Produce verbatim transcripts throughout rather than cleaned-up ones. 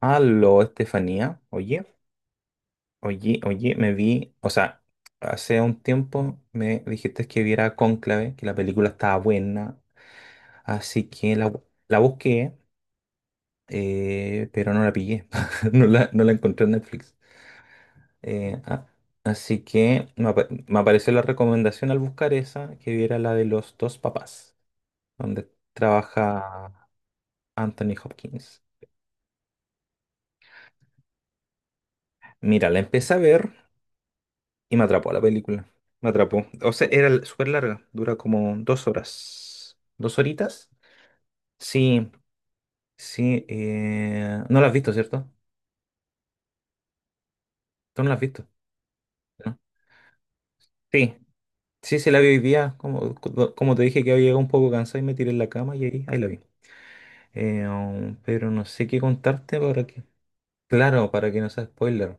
Aló, Estefanía. Oye, oye, oye, me vi, o sea, hace un tiempo me dijiste que viera Cónclave, que la película estaba buena, así que la, bu- la busqué, eh, pero no la pillé. No la, no la encontré en Netflix. Eh, ah, Así que me, apa- me apareció la recomendación al buscar esa, que viera la de los dos papás, donde trabaja Anthony Hopkins. Mira, la empecé a ver. Y me atrapó la película. Me atrapó. O sea, era l- súper larga. Dura como dos horas. ¿Dos horitas? Sí, sí. eh, No la has visto, ¿cierto? Tú no la has visto. ¿No? Sí, sí, sí la vi hoy día. Como, co- como te dije, que había llegado un poco cansado y me tiré en la cama y ahí, ahí la vi. Eh, um, pero no sé qué contarte para que... Claro, para que no sea spoiler.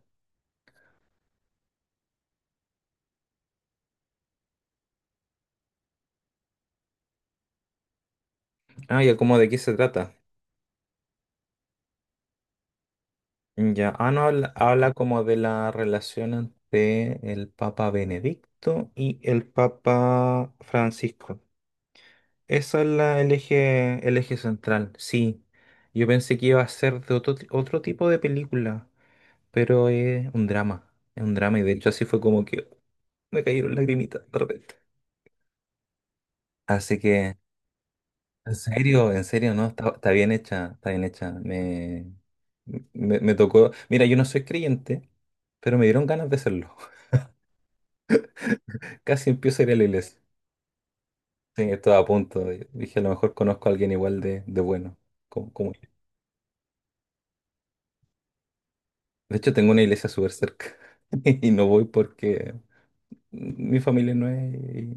Ah, ya, ¿cómo, de qué se trata? Ya, ah, no, habla, habla como de la relación entre el Papa Benedicto y el Papa Francisco. Esa es la, el eje, el eje central, sí. Yo pensé que iba a ser de otro, ti- otro tipo de película, pero es un drama, es un drama y de hecho así fue como que me cayeron lagrimitas de repente. Así que, en serio, en serio, no, está, está bien hecha, está bien hecha. Me, me, me tocó. Mira, yo no soy creyente, pero me dieron ganas de serlo. Casi empiezo a ir a la iglesia. Sí, estaba a punto. de- Dije, a lo mejor conozco a alguien igual de, de bueno. Como, como él. De hecho, tengo una iglesia súper cerca y no voy porque mi familia no es,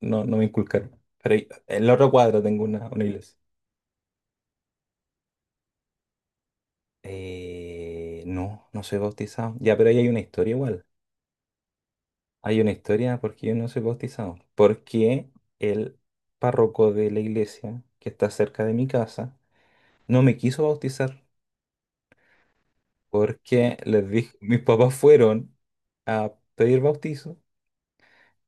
no, no me inculcaron. Pero ahí- en la otra cuadra tengo una, una iglesia. Eh, no, no soy bautizado. Ya, pero ahí hay una historia igual. Hay una historia porque yo no soy bautizado. Porque el párroco de la iglesia que está cerca de mi casa no me quiso bautizar, porque les dijo, mis papás fueron a pedir bautizo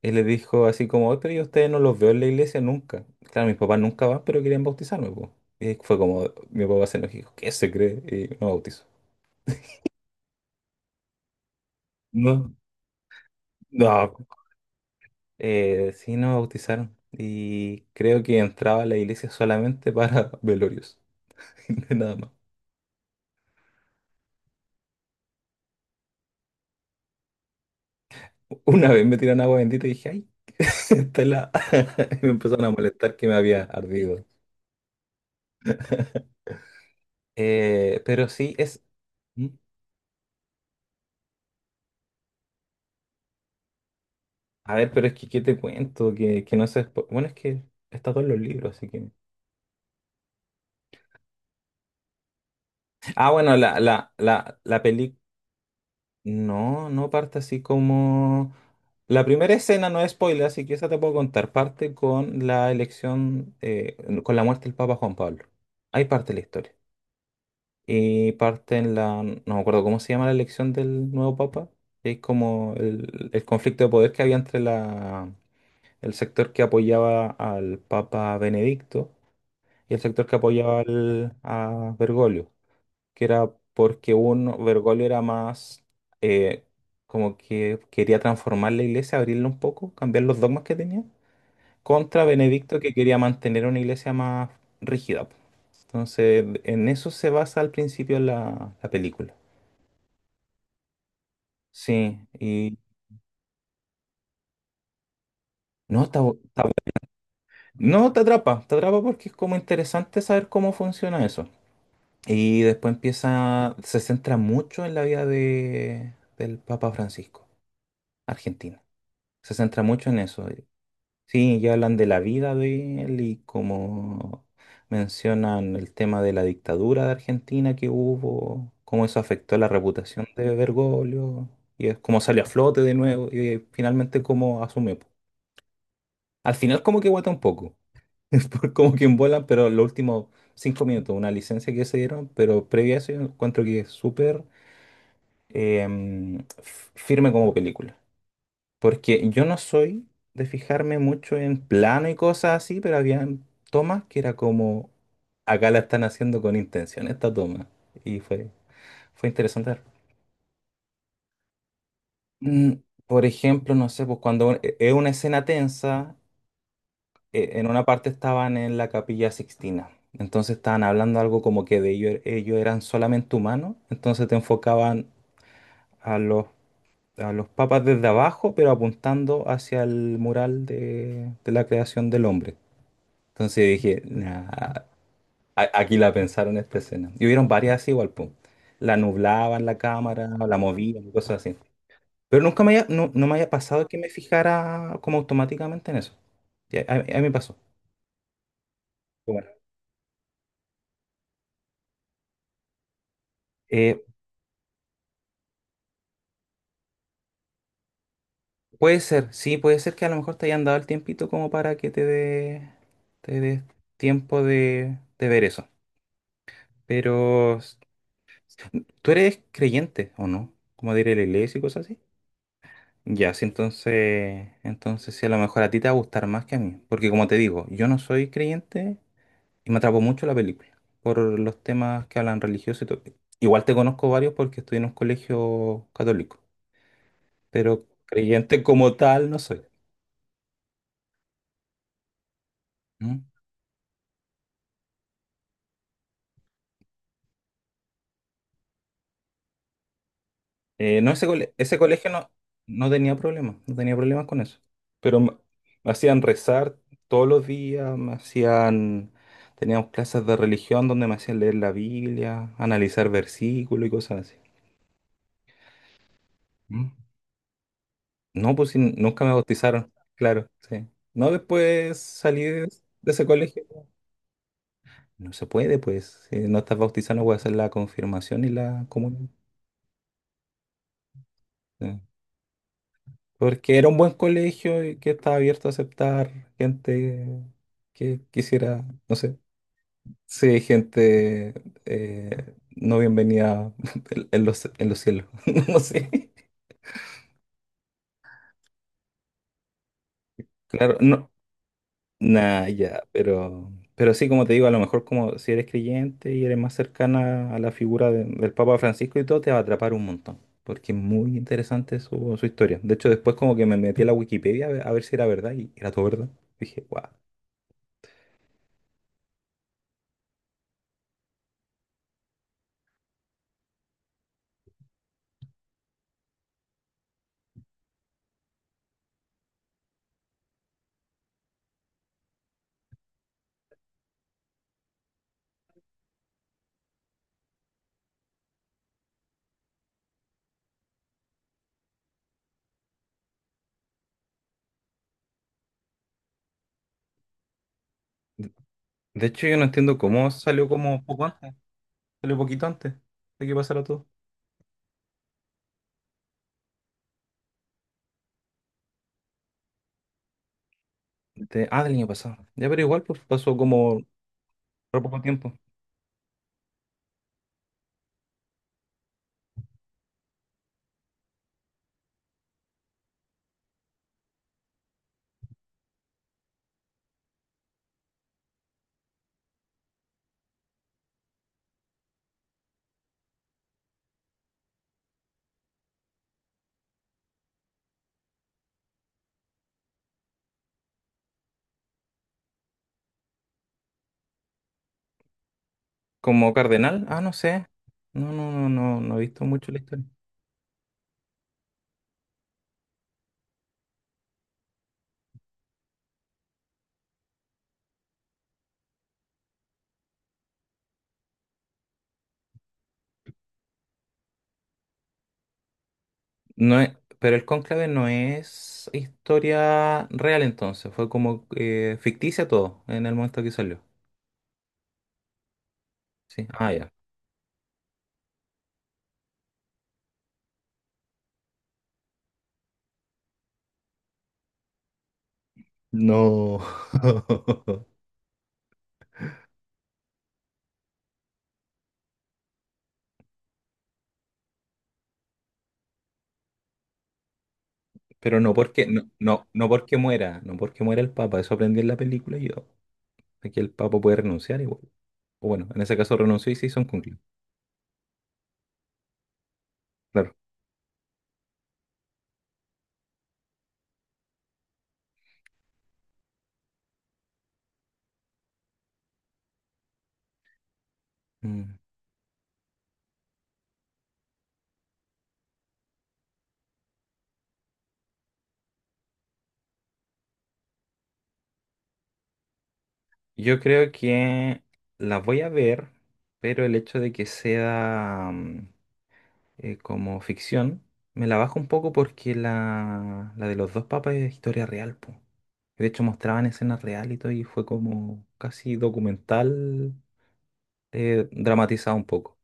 y les dijo así como: "Oye, pero yo a ustedes no los veo en la iglesia nunca". Claro, mis papás nunca van, pero querían bautizarme, po. Y fue como, mi papá se enojó y dijo, ¿qué se cree? Y no bautizó. No, no. Eh, sí, no bautizaron. Y creo que entraba a la iglesia solamente para velorios, nada más. Una vez me tiraron agua bendita y dije, ay, esta es la... Y me empezaron a molestar que me había ardido. Eh, pero sí es... A ver, pero es que, ¿qué te cuento? Que, que no sé. Bueno, es que está todo en los libros, así que. Ah, bueno, la, la, la, la peli. No, no parte así como. La primera escena no es spoiler, así que esa te puedo contar. Parte con la elección, eh, con la muerte del Papa Juan Pablo. Ahí parte la historia. Y parte en la... No me acuerdo cómo se llama la elección del nuevo Papa. Que Es como el, el conflicto de poder que había entre la, el sector que apoyaba al Papa Benedicto y el sector que apoyaba al, a Bergoglio, que era porque uno, Bergoglio era más eh, como que quería transformar la iglesia, abrirla un poco, cambiar los dogmas que tenía, contra Benedicto, que quería mantener una iglesia más rígida, po. Entonces, en eso se basa al principio la, la película. Sí, y no, está, bu- está bu- no te atrapa, te atrapa porque es como interesante saber cómo funciona eso. Y después empieza, se centra mucho en la vida de, del Papa Francisco, argentino. Se centra mucho en eso. Sí, ya hablan de la vida de él y como mencionan el tema de la dictadura de Argentina que hubo, cómo eso afectó la reputación de Bergoglio y es cómo salió a flote de nuevo y finalmente cómo asume, po. Al final como que guata un poco, es por- como que envuelan, pero los últimos cinco minutos, una licencia que se dieron, pero previa a eso yo encuentro que es súper em, f- firme como película. Porque yo no soy de fijarme mucho en plano y cosas así, pero había tomas que era como, acá la están haciendo con intención esta toma. Y fue, fue interesante ver. Mm, Por ejemplo, no sé, pues cuando un- e- es una escena tensa, e- en una parte estaban en la Capilla Sixtina. Entonces estaban hablando algo como que de ellos, ellos eran solamente humanos, entonces te enfocaban a los a los papas desde abajo, pero apuntando hacia el mural de, de la creación del hombre. Entonces dije: "Nah, a- aquí la pensaron esta escena". Y hubieron varias así igual, pum. La nublaban la cámara, la movían, y cosas así. Pero nunca me haya, no, no me haya pasado que me fijara como automáticamente en eso. Y a, a- a mí me pasó. Pero bueno, eh, puede ser, sí, puede ser que a lo mejor te hayan dado el tiempito como para que te dé te dé tiempo de, de ver eso. Pero ¿tú eres creyente o no? Como diré, ir a la iglesia y cosas así. Ya, sí, entonces, entonces sí, a lo mejor a ti te va a gustar más que a mí. Porque como te digo, yo no soy creyente y me atrapó mucho la película por los temas que hablan religiosos y todo. Igual te conozco varios porque estoy en un colegio católico, pero creyente como tal no soy. ¿Mm? Eh, no, ese, cole- ese colegio no, no tenía problemas, no tenía problemas con eso. Pero me, me hacían rezar todos los días. Me hacían, teníamos clases de religión donde me hacían leer la Biblia, analizar versículos y cosas así. Mm. No, pues sí, nunca me bautizaron, claro, sí. No, después salí de, de ese colegio. No se puede, pues, si no estás bautizado no puedes hacer la confirmación y la comunión. Sí. Porque era un buen colegio y que estaba abierto a aceptar gente que quisiera, no sé, sí, gente eh, no bienvenida en en los, en los cielos. No sé. Claro, no, nada, ya, pero, pero, sí, como te digo, a lo mejor como si eres creyente y eres más cercana a la figura de- del Papa Francisco y todo, te va a atrapar un montón. Porque es muy interesante su, su historia. De hecho, después como que me metí a la Wikipedia a ver a ver si era verdad, y era todo verdad. Dije, guau. De hecho, yo no entiendo cómo salió como poco antes, salió poquito antes de que pasara todo. De- ah, del año pasado. Ya, pero igual, pues, pasó como re poco tiempo. Como cardenal, ah, no sé. No, no, no, no, no he visto mucho la historia. No es, Pero el cónclave no es historia real entonces, fue como eh, ficticia todo en el momento que salió. Sí, ah, ya. No. Pero no porque, no, no, no porque muera, no porque muera el Papa, eso aprendí en la película yo. Aquí el Papa puede renunciar igual. O bueno, en ese caso renunció y se hizo un conclave, claro. Mm. Yo creo que la voy a ver, pero el hecho de que sea mm, eh, como ficción me la baja un poco porque la, la de los dos papas es historia real, po. De hecho, mostraban escenas reales y todo, y fue como casi documental, eh, dramatizado un poco.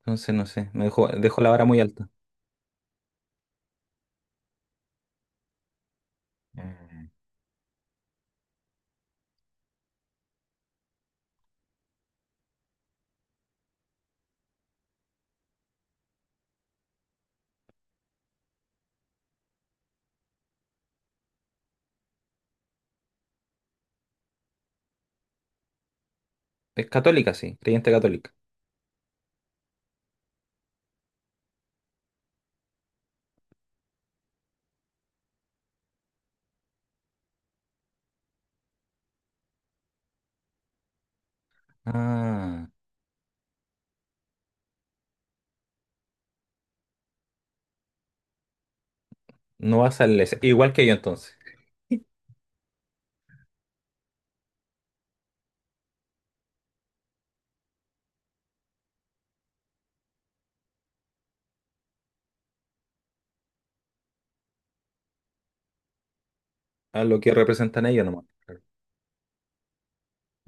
Entonces, no sé, me dejó, dejó la vara muy alta. Mm. Es católica, sí, creyente católica. Ah, no vas a la iglesia. Igual que yo entonces. A lo que representan ellos nomás. Claro.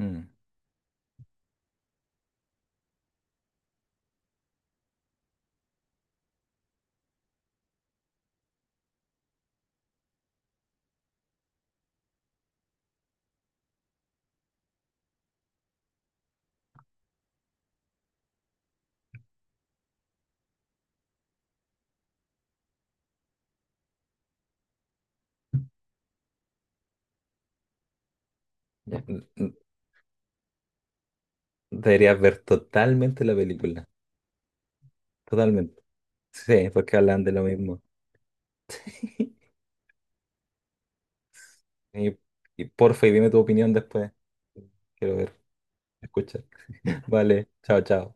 Mm. Ya. Deberías ver totalmente la película. Totalmente. Sí, porque hablan de lo mismo. Y, y porfa, y dime tu opinión después. Quiero ver, escuchar. Vale, chao, chao.